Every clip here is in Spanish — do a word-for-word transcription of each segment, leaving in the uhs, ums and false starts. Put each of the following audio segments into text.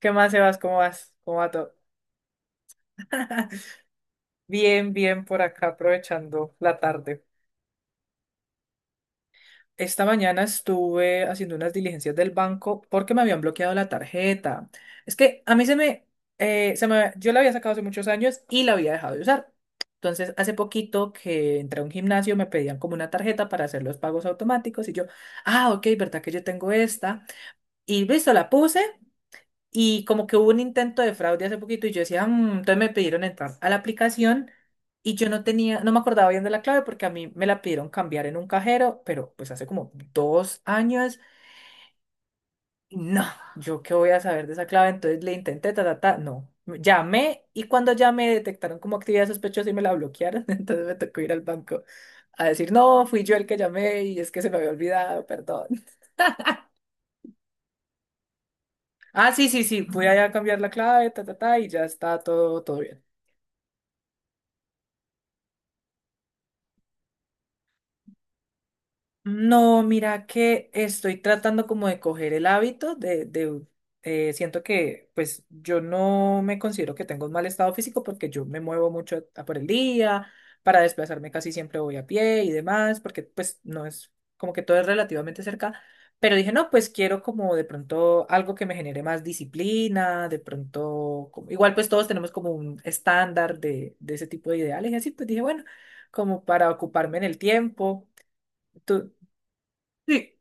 ¿Qué más, Sebas? ¿Cómo vas? ¿Cómo va todo? Bien, bien por acá aprovechando la tarde. Esta mañana estuve haciendo unas diligencias del banco porque me habían bloqueado la tarjeta. Es que a mí se me, eh, se me, yo la había sacado hace muchos años y la había dejado de usar. Entonces, hace poquito que entré a un gimnasio, me pedían como una tarjeta para hacer los pagos automáticos y yo, ah, ok, ¿verdad que yo tengo esta? Y listo, la puse. Y como que hubo un intento de fraude hace poquito y yo decía, "Mm", entonces me pidieron entrar a la aplicación y yo no tenía, no me acordaba bien de la clave porque a mí me la pidieron cambiar en un cajero, pero pues hace como dos años, no, yo qué voy a saber de esa clave, entonces le intenté, ta, ta, ta, no. Llamé y cuando llamé detectaron como actividad sospechosa y me la bloquearon, entonces me tocó ir al banco a decir, no, fui yo el que llamé y es que se me había olvidado, perdón. Ah, sí, sí, sí, fui allá a cambiar la clave, ta, ta, ta, y ya está todo, todo bien. No, mira que estoy tratando como de coger el hábito de, de eh, Siento que pues yo no me considero que tengo un mal estado físico porque yo me muevo mucho a por el día, para desplazarme casi siempre voy a pie y demás, porque pues no es como que todo es relativamente cerca, pero dije, no, pues quiero como de pronto algo que me genere más disciplina, de pronto, como- igual pues todos tenemos como un estándar de, de ese tipo de ideales y así, pues dije, bueno, como para ocuparme en el tiempo. ¿Tú, Sí.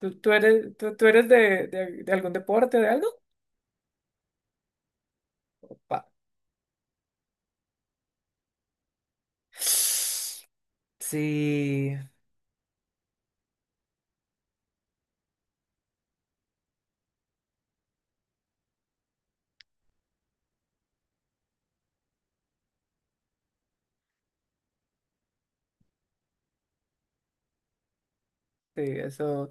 ¿Tú, tú eres, tú, tú eres de, de- de algún deporte, de algo? Opa. Sí, sí, eso.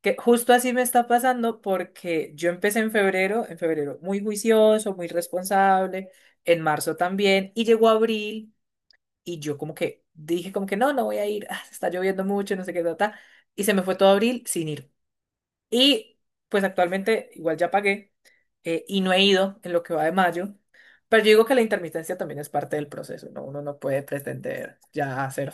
Que justo así me está pasando porque yo empecé en febrero, en febrero muy juicioso, muy responsable, en marzo también, y llegó abril y yo como que dije como que no, no voy a ir, ah, está lloviendo mucho, no sé qué, ta, ta", y se me fue todo abril sin ir. Y pues actualmente igual ya pagué eh, y no he ido en lo que va de mayo. Pero yo digo que la intermitencia también es parte del proceso, ¿no? Uno no puede pretender ya hacer...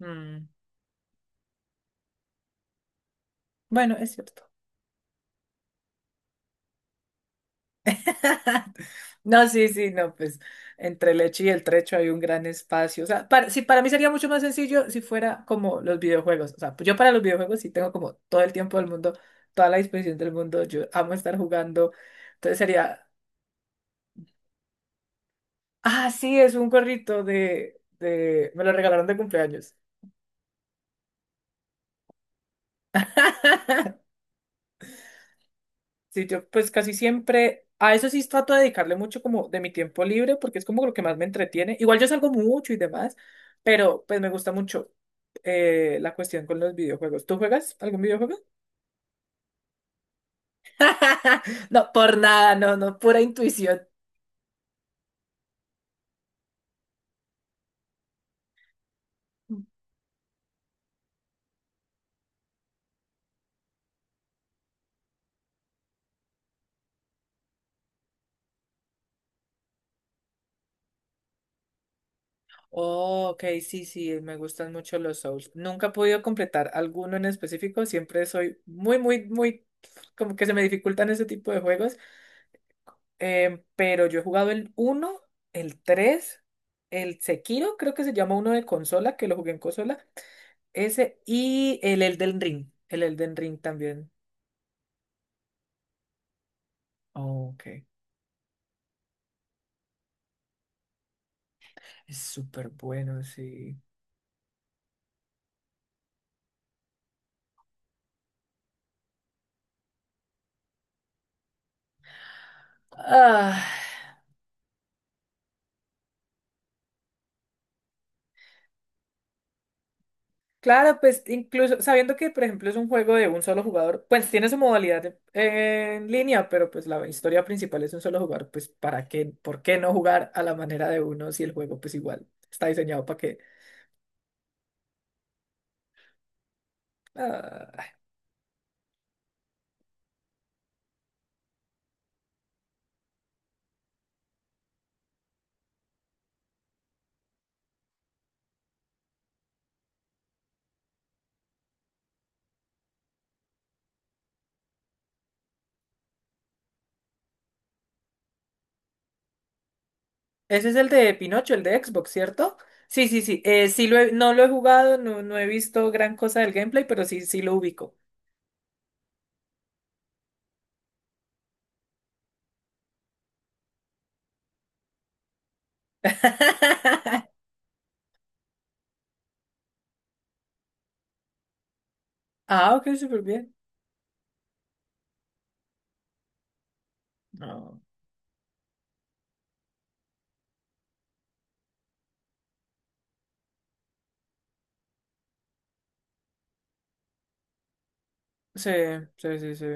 Mm, bueno, es cierto. No, sí, sí, no, pues entre el hecho y el trecho hay un gran espacio. O sea, para, sí, para mí sería mucho más sencillo si fuera como los videojuegos. O sea, yo para los videojuegos sí tengo como todo el tiempo del mundo, toda la disposición del mundo. Yo amo estar jugando. Entonces sería Ah, sí, es un gorrito de, de... Me lo regalaron de cumpleaños. Sí, yo pues casi siempre... A eso sí trato de dedicarle mucho como de mi tiempo libre porque es como lo que más me entretiene. Igual yo salgo mucho y demás, pero pues me gusta mucho eh, la cuestión con los videojuegos. ¿Tú juegas algún videojuego? No, por nada, no, no, pura intuición. Oh, ok, sí, sí, me gustan mucho los Souls. Nunca he podido completar alguno en específico, siempre soy muy, muy, muy, como que se me dificultan ese tipo de juegos. Em, pero yo he jugado el uno, el tres, el Sekiro, creo que se llama uno de consola, que lo jugué en consola, ese y el Elden Ring, el Elden Ring también. Oh, ok, es súper bueno, sí. Ah. Claro, pues incluso sabiendo que, por ejemplo, es un juego de un solo jugador, pues tiene su modalidad en, en línea, pero pues la historia principal es un solo jugador, pues ¿para qué? ¿Por qué no jugar a la manera de uno si el juego pues igual está diseñado para que... Ah, ese es el de Pinocho, el de Xbox, ¿cierto? Sí, sí, sí. Eh, sí lo he- no lo he jugado, no, no he visto gran cosa del gameplay, pero sí, sí lo ubico. Ah, ok, súper bien. No. Sí, sí, sí, sí.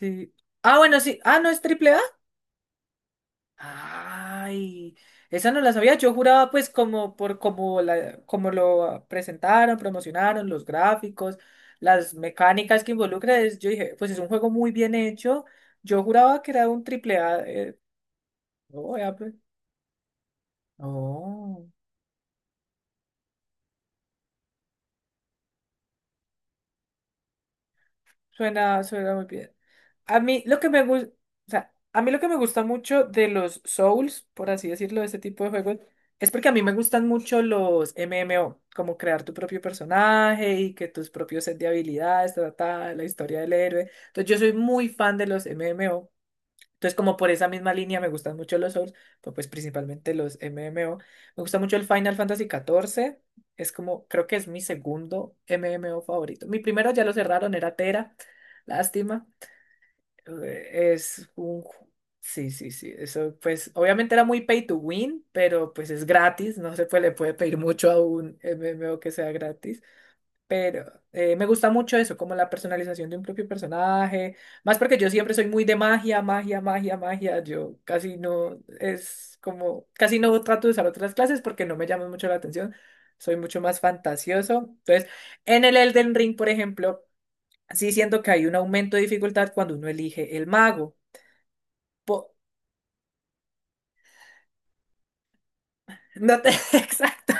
Sí. Ah, bueno, sí. Ah, no, es triple. Ay, esa no la sabía. Yo juraba, pues, como por como la, como lo presentaron, promocionaron, los gráficos, las mecánicas que involucra. es- Yo dije, pues es un juego muy bien hecho. Yo juraba que era un triple A. Eh, no, vea, pues. Oh. Suena, suena muy bien. A mí lo que me gusta, o sea, a mí lo que me gusta mucho de los Souls, por así decirlo, de este tipo de juegos, es porque a mí me gustan mucho los M M O, como crear tu propio personaje y que tus propios set de habilidades, trata la historia del héroe. Entonces yo soy muy fan de los M M O, entonces, como por esa misma línea me gustan mucho los Souls, pero pues principalmente los M M O. Me gusta mucho el Final Fantasy catorce. Es como, creo que es mi segundo M M O favorito. Mi primero ya lo cerraron, era Tera. Lástima. Eh, Es un... ju- Sí, sí, sí. Eso, pues, obviamente era muy pay to win, pero pues es gratis. No se puede, le puede pedir mucho a un M M O que sea gratis. Pero eh, me gusta mucho eso, como la personalización de un propio personaje. Más porque yo siempre soy muy de magia, magia, magia, magia. Yo casi no es como, casi no trato de usar otras clases porque no me llama mucho la atención. Soy mucho más fantasioso. Entonces, en el Elden Ring, por ejemplo, sí siento que hay un aumento de dificultad cuando uno elige el mago. Po- no te... Exacto.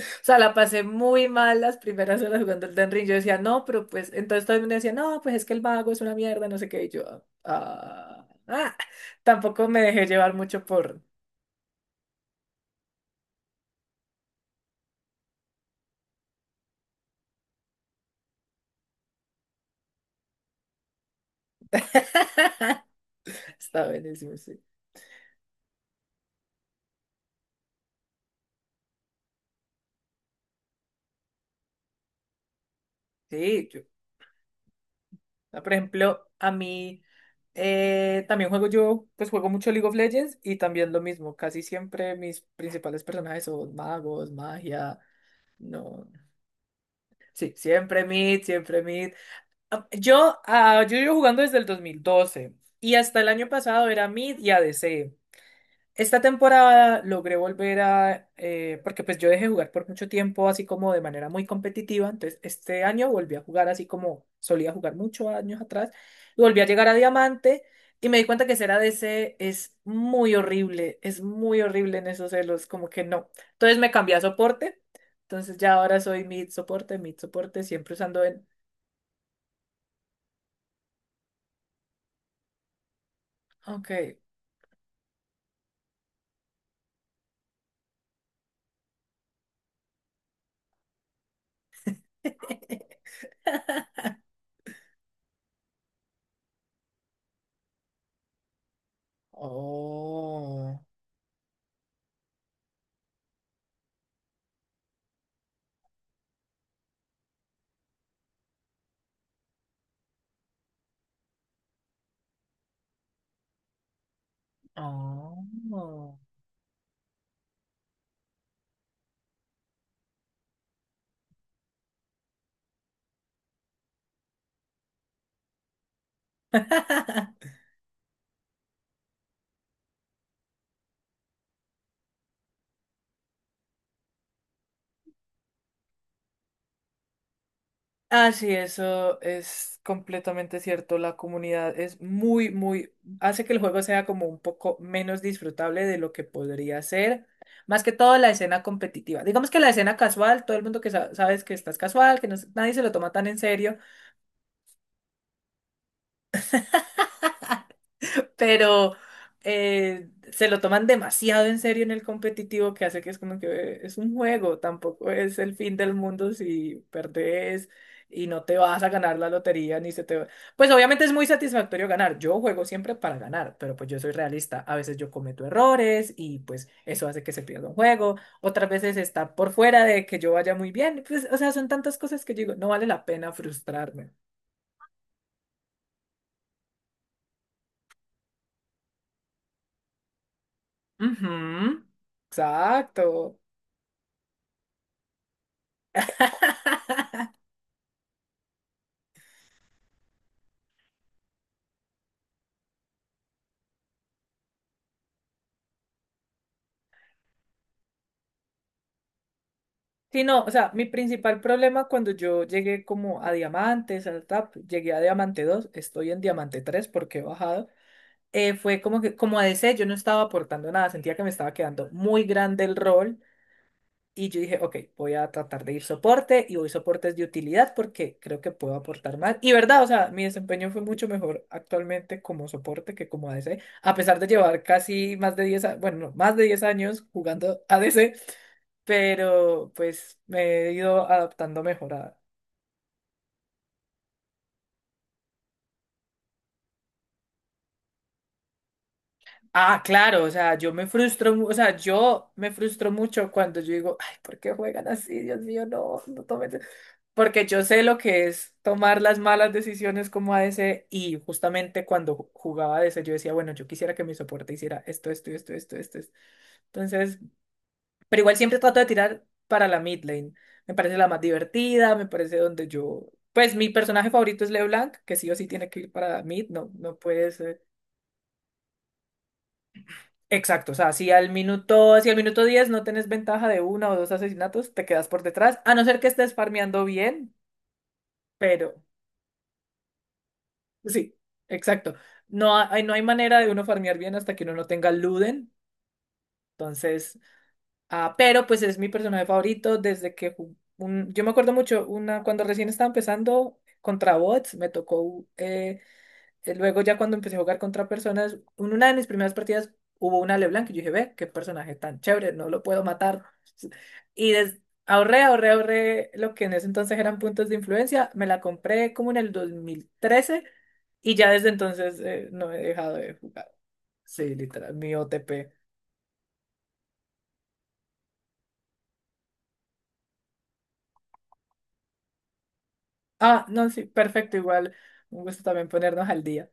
O sea, la pasé muy mal las primeras horas jugando el Elden Ring. Yo decía, no, pero pues, entonces todo el mundo decía, no, pues es que el vago es una mierda, no sé qué. Y yo, ah, ah". Tampoco me dejé llevar mucho por. Está buenísimo, sí. Sí, yo. ah, por ejemplo, a mí eh, también juego yo, pues juego mucho League of Legends y también lo mismo. Casi siempre mis principales personajes son magos, magia, no. Sí, siempre mid, siempre mid. Ah, Yo, ah, yo llevo jugando desde el dos mil doce y hasta el año pasado era mid y A D C. Esta temporada logré volver a, eh, porque pues yo dejé jugar por mucho tiempo así como de manera muy competitiva, entonces este año volví a jugar así como solía jugar muchos años atrás y volví a llegar a diamante y me di cuenta que ser a ADC es muy horrible, es muy horrible en esos celos, como que no. Entonces me cambié a soporte, entonces ya ahora soy mid soporte, mid soporte, siempre usando el... Ok. Oh, oh. Ah, sí, eso es completamente cierto. La comunidad es muy, muy, hace que el juego sea como un poco menos disfrutable de lo que podría ser. Más que todo la escena competitiva. Digamos que la escena casual, todo el mundo que sa- sabes que estás casual, que no, se- nadie se lo toma tan en serio. Pero eh, se lo toman demasiado en serio en el competitivo que hace que es como que eh, es un juego, tampoco es el fin del mundo si perdés y no te vas a ganar la lotería ni se te va. Pues obviamente es muy satisfactorio ganar. Yo juego siempre para ganar, pero pues yo soy realista. A veces yo cometo errores y pues eso hace que se pierda un juego. Otras veces está por fuera de que yo vaya muy bien. Pues, o sea, son tantas cosas que yo digo, no vale la pena frustrarme. Ujú, exacto. Sí, no, o sea, mi principal problema cuando yo llegué como a diamantes, al T A P, llegué a diamante dos, estoy en diamante tres porque he bajado, eh, fue como que, como A D C, yo no estaba aportando nada, sentía que me estaba quedando muy grande el rol y yo dije, ok, voy a tratar de ir soporte y voy soportes de utilidad porque creo que puedo aportar más. Y verdad, o sea, mi desempeño fue mucho mejor actualmente como soporte que como A D C, a pesar de llevar casi más de diez, a- bueno, no, más de diez años jugando A D C, pero pues me he ido adaptando mejor a... Ah, claro, o sea, yo me frustro, mu- o sea, yo me frustro mucho cuando yo digo, ay, ¿por qué juegan así? Dios mío, no, no tomen... de-". Porque yo sé lo que es tomar las malas decisiones como a ADC y justamente cuando ju- jugaba A D C yo decía, bueno, yo quisiera que mi soporte hiciera esto, esto, esto, esto, esto. Esto". Entonces, pero igual siempre trato de tirar para la mid lane. Me parece la más divertida, me parece donde yo... Pues mi personaje favorito es LeBlanc, que sí o sí tiene que ir para mid, no, no puede ser. Exacto, o sea, si al minuto, si al minuto diez no tenés ventaja de una o dos asesinatos, te quedas por detrás, a no ser que estés farmeando bien, pero sí, exacto. No hay, no hay manera de uno farmear bien hasta que uno no tenga Luden, entonces... Ah, pero pues es mi personaje favorito desde que ju- un- yo me acuerdo mucho una cuando recién estaba empezando contra bots, me tocó eh, eh, luego ya cuando empecé a jugar contra personas, en una de mis primeras partidas hubo una LeBlanc y yo dije, ve, qué personaje tan chévere, no lo puedo matar. Y des- ahorré, ahorré, ahorré lo que en ese entonces eran puntos de influencia, me la compré como en el dos mil trece y ya desde entonces eh, no he dejado de jugar. Sí, literal, mi O T P. Ah, no, sí, perfecto, igual. Un gusto también ponernos al día.